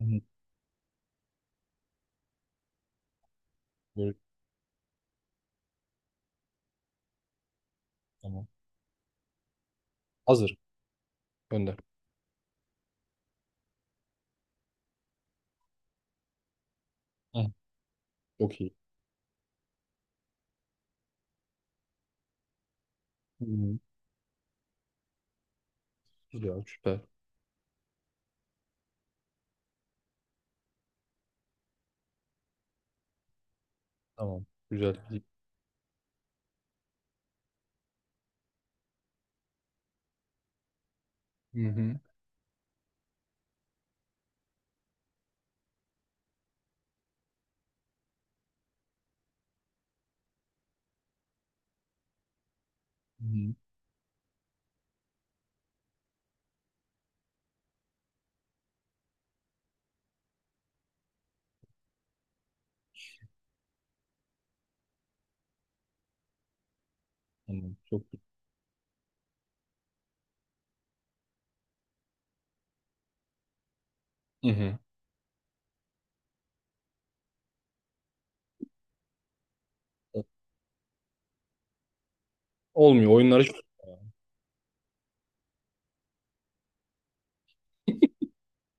Hı hı. Böyle, tamam. Hazır. Gönder. Heh. Çok iyi. Hı hı. Güzel. Süper. Tamam. Güzel. Hı hı. Hı hı. Tamam. Çok iyi. Hı hı. Olmuyor. Oyunlar hiç...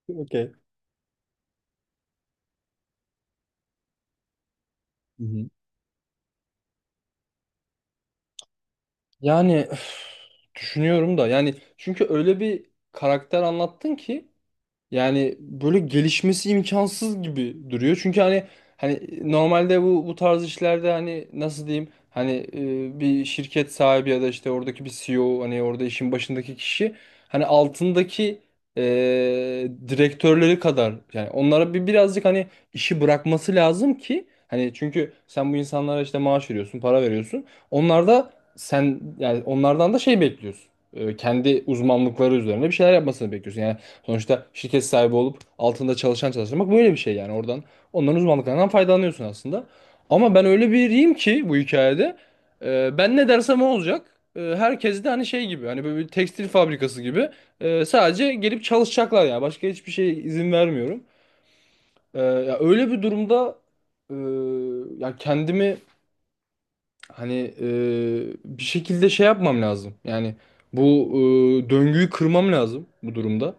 Okey. Hı hı. Yani üf, düşünüyorum da, yani çünkü öyle bir karakter anlattın ki yani böyle gelişmesi imkansız gibi duruyor. Çünkü hani normalde bu tarz işlerde hani nasıl diyeyim, hani bir şirket sahibi ya da işte oradaki bir CEO, hani orada işin başındaki kişi, hani altındaki e, direktörleri kadar yani onlara bir birazcık hani işi bırakması lazım ki, hani çünkü sen bu insanlara işte maaş veriyorsun, para veriyorsun. Onlar da sen yani onlardan da şey bekliyorsun. Kendi uzmanlıkları üzerine bir şeyler yapmasını bekliyorsun. Yani sonuçta şirket sahibi olup altında çalışan çalıştırmak böyle bir şey, yani oradan onların uzmanlıklarından faydalanıyorsun aslında. Ama ben öyle biriyim ki bu hikayede ben ne dersem o olacak. Herkes de hani şey gibi, hani böyle bir tekstil fabrikası gibi sadece gelip çalışacaklar, yani başka hiçbir şeye izin vermiyorum. Ya öyle bir durumda, e, ya kendimi hani bir şekilde şey yapmam lazım. Yani bu döngüyü kırmam lazım bu durumda.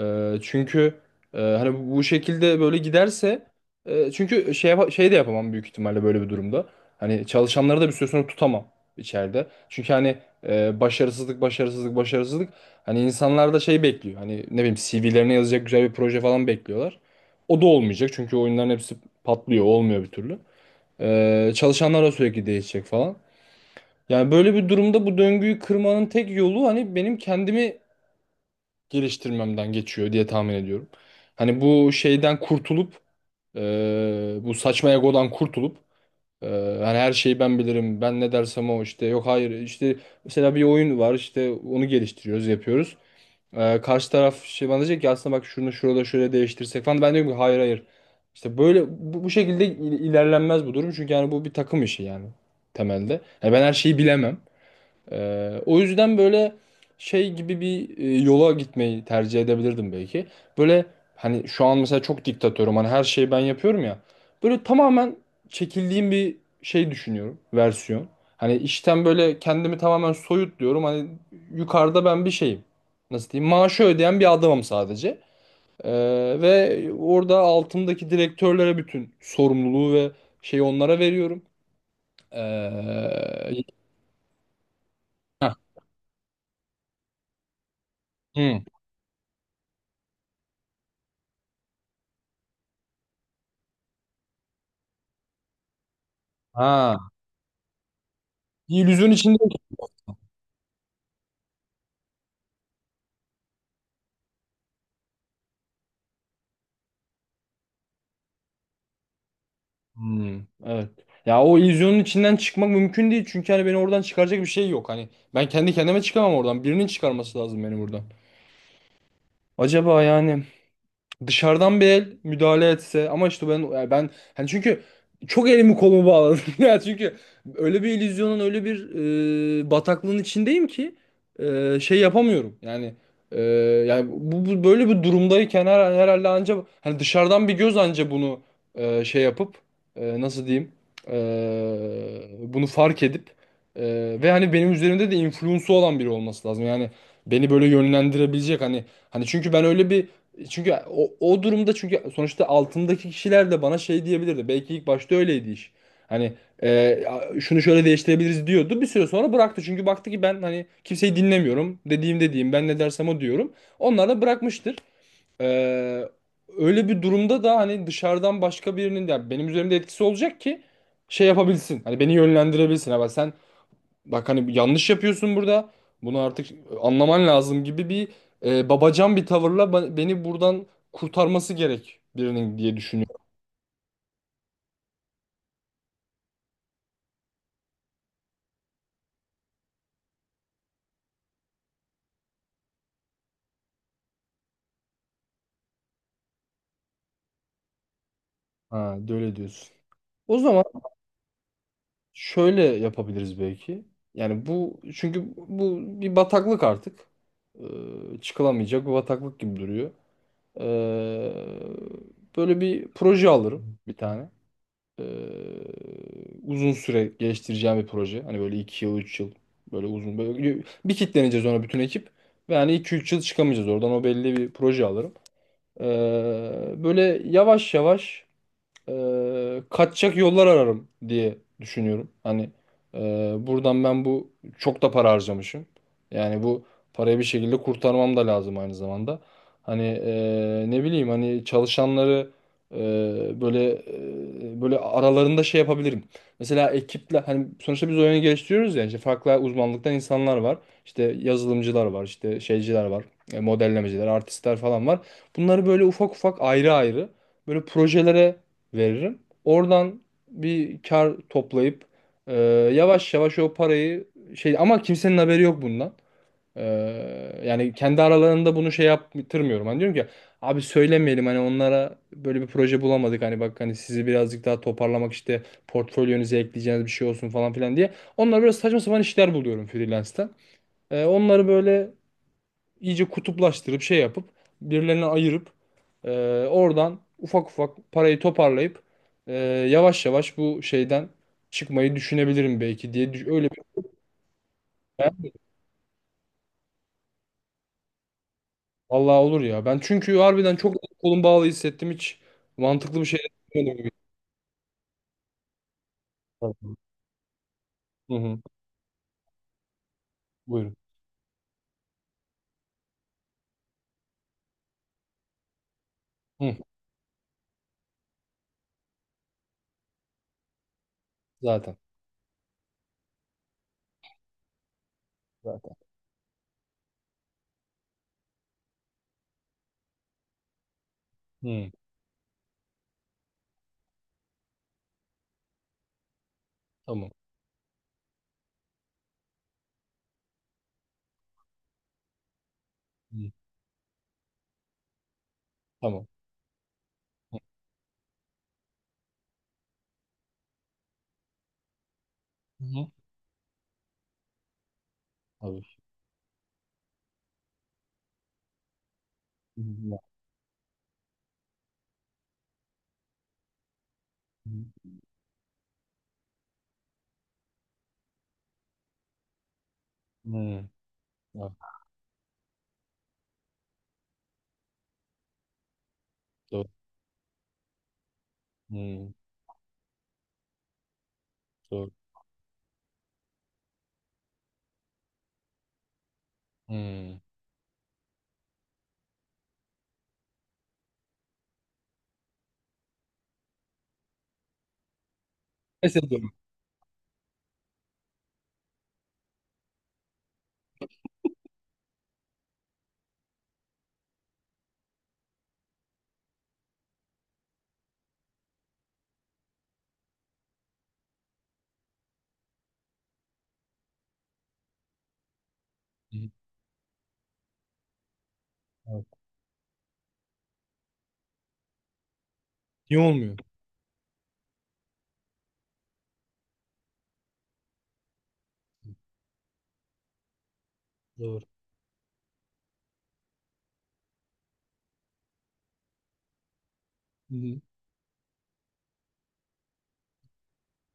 Çünkü hani bu şekilde böyle giderse çünkü şey de yapamam büyük ihtimalle böyle bir durumda. Hani çalışanları da bir süre sonra tutamam içeride. Çünkü hani başarısızlık başarısızlık başarısızlık, hani insanlar da şey bekliyor. Hani ne bileyim, CV'lerine yazacak güzel bir proje falan bekliyorlar. O da olmayacak çünkü oyunların hepsi patlıyor, olmuyor bir türlü. Çalışanlar da sürekli değişecek falan. Yani böyle bir durumda bu döngüyü kırmanın tek yolu hani benim kendimi geliştirmemden geçiyor diye tahmin ediyorum. Hani bu şeyden kurtulup bu saçma egodan kurtulup, e, hani her şeyi ben bilirim, ben ne dersem o, işte yok, hayır, işte mesela bir oyun var, işte onu geliştiriyoruz, yapıyoruz. Karşı taraf şey bana diyecek ki aslında bak, şunu şurada şöyle değiştirsek falan. Ben diyorum ki hayır, hayır. İşte böyle bu şekilde ilerlenmez bu durum. Çünkü yani bu bir takım işi yani temelde. Yani ben her şeyi bilemem. O yüzden böyle şey gibi bir yola gitmeyi tercih edebilirdim belki. Böyle hani şu an mesela çok diktatörüm, hani her şeyi ben yapıyorum ya. Böyle tamamen çekildiğim bir şey düşünüyorum, versiyon. Hani işten böyle kendimi tamamen soyutluyorum. Hani yukarıda ben bir şeyim. Nasıl diyeyim? Maaşı ödeyen bir adamım sadece. Ee, Ve orada altımdaki direktörlere bütün sorumluluğu ve şeyi onlara veriyorum. Ee, Heh. Hı. Ha. Bir illüzyon içinde. Hmm, evet. Ya o illüzyonun içinden çıkmak mümkün değil. Çünkü hani beni oradan çıkaracak bir şey yok. Hani ben kendi kendime çıkamam oradan. Birinin çıkarması lazım beni buradan. Acaba yani dışarıdan bir el müdahale etse, ama işte ben yani ben hani çünkü çok elimi kolumu bağladım ya, çünkü öyle bir illüzyonun, öyle bir bataklığın içindeyim ki şey yapamıyorum yani. e, Yani böyle bir durumdayken herhalde ancak hani dışarıdan bir göz anca bunu şey yapıp, nasıl diyeyim, e, bunu fark edip e, ve hani benim üzerimde de influence'u olan biri olması lazım, yani beni böyle yönlendirebilecek. Hani çünkü ben öyle bir, çünkü o durumda, çünkü sonuçta altındaki kişiler de bana şey diyebilirdi. Belki ilk başta öyleydi iş. Hani e, şunu şöyle değiştirebiliriz diyordu. Bir süre sonra bıraktı. Çünkü baktı ki ben hani kimseyi dinlemiyorum. Dediğim dediğim, ben ne dersem o diyorum. Onlar da bırakmıştır. E, Öyle bir durumda da hani dışarıdan başka birinin, yani benim üzerimde etkisi olacak ki şey yapabilsin. Hani beni yönlendirebilsin. Ama sen bak, hani yanlış yapıyorsun burada. Bunu artık anlaman lazım gibi bir babacan bir tavırla beni buradan kurtarması gerek birinin diye düşünüyorum. Ha, de öyle diyorsun. O zaman şöyle yapabiliriz belki. Yani bu, çünkü bu bir bataklık artık. Çıkılamayacak bir bataklık gibi duruyor. Ee, Böyle bir proje alırım bir tane. Ee, Uzun süre geliştireceğim bir proje. Hani böyle 2 yıl, 3 yıl, böyle uzun böyle bir kitleneceğiz ona bütün ekip. Ve hani 2-3 yıl çıkamayacağız oradan, o belli bir proje alırım. Böyle yavaş yavaş kaçacak yollar ararım diye düşünüyorum. Hani e, buradan ben bu çok da para harcamışım. Yani bu parayı bir şekilde kurtarmam da lazım aynı zamanda. Hani ne bileyim, hani çalışanları e, böyle böyle aralarında şey yapabilirim. Mesela ekiple, hani sonuçta biz oyunu geliştiriyoruz ya, işte farklı uzmanlıktan insanlar var. İşte yazılımcılar var, işte şeyciler var, modellemeciler, artistler falan var. Bunları böyle ufak ufak, ayrı ayrı böyle projelere veririm. Oradan bir kar toplayıp e, yavaş yavaş o parayı şey, ama kimsenin haberi yok bundan. E, Yani kendi aralarında bunu şey yaptırmıyorum. Hani diyorum ki abi söylemeyelim hani, onlara böyle bir proje bulamadık, hani bak hani sizi birazcık daha toparlamak işte, portfolyonuza ekleyeceğiniz bir şey olsun falan filan diye. Onlar biraz saçma sapan işler buluyorum freelance'ten. Onları böyle iyice kutuplaştırıp, şey yapıp birilerine ayırıp e, oradan ufak ufak parayı toparlayıp e, yavaş yavaş bu şeyden çıkmayı düşünebilirim belki diye öyle bir. Allah olur ya. Ben çünkü harbiden çok kolum bağlı hissettim. Hiç mantıklı bir şey düşünmedim gibi. Tamam. Hı hı. Buyurun. Hı. Zaten. Zaten. Hı. Tamam. Hı. Tamam. Hı. Hı. Tabii. Hı. Hı. Hı. Evet. Doğru. Hı. Doğru. Hı. Pes ediyorum. Hı. Evet. İyi olmuyor. Doğru. Hı hı.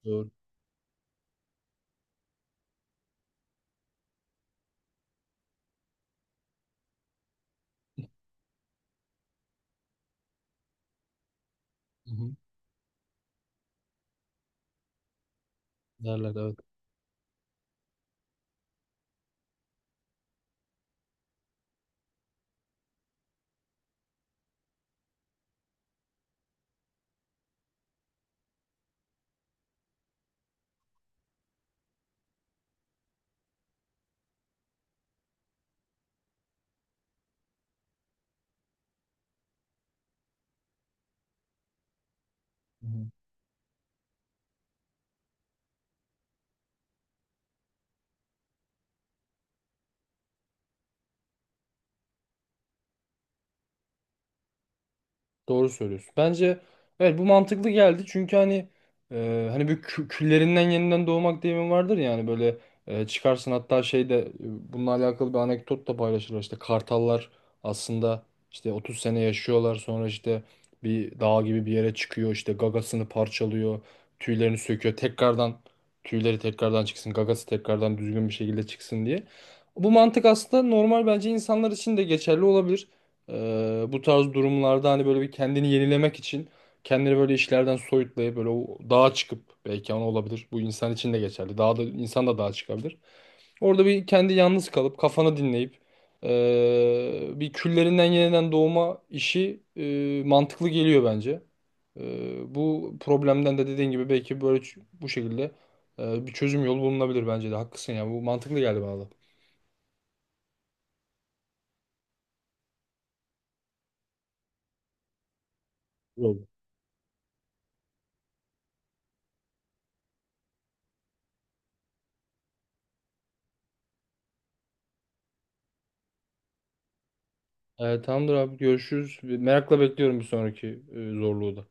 Doğru. Hı hı. Derler evet. Hı hı. Doğru söylüyorsun. Bence evet, bu mantıklı geldi. Çünkü hani hani bir küllerinden yeniden doğmak deyimi vardır ya, hani böyle çıkarsın, hatta şey de, bununla alakalı bir anekdot da paylaşılır. İşte kartallar aslında işte 30 sene yaşıyorlar, sonra işte bir dağ gibi bir yere çıkıyor, işte gagasını parçalıyor, tüylerini söküyor tekrardan, tüyleri tekrardan çıksın, gagası tekrardan düzgün bir şekilde çıksın diye. Bu mantık aslında normal, bence insanlar için de geçerli olabilir. Bu tarz durumlarda hani böyle bir kendini yenilemek için kendini böyle işlerden soyutlayıp böyle o dağa çıkıp belki, ama olabilir. Bu insan için de geçerli. Dağa da, insan da dağa çıkabilir. Orada bir kendi yalnız kalıp kafanı dinleyip bir küllerinden yeniden doğma işi mantıklı geliyor bence. Bu problemden de dediğin gibi belki böyle bu şekilde bir çözüm yolu bulunabilir bence de. Haklısın ya. Bu mantıklı geldi bana da. Tamamdır abi, görüşürüz. Merakla bekliyorum bir sonraki zorluğu da.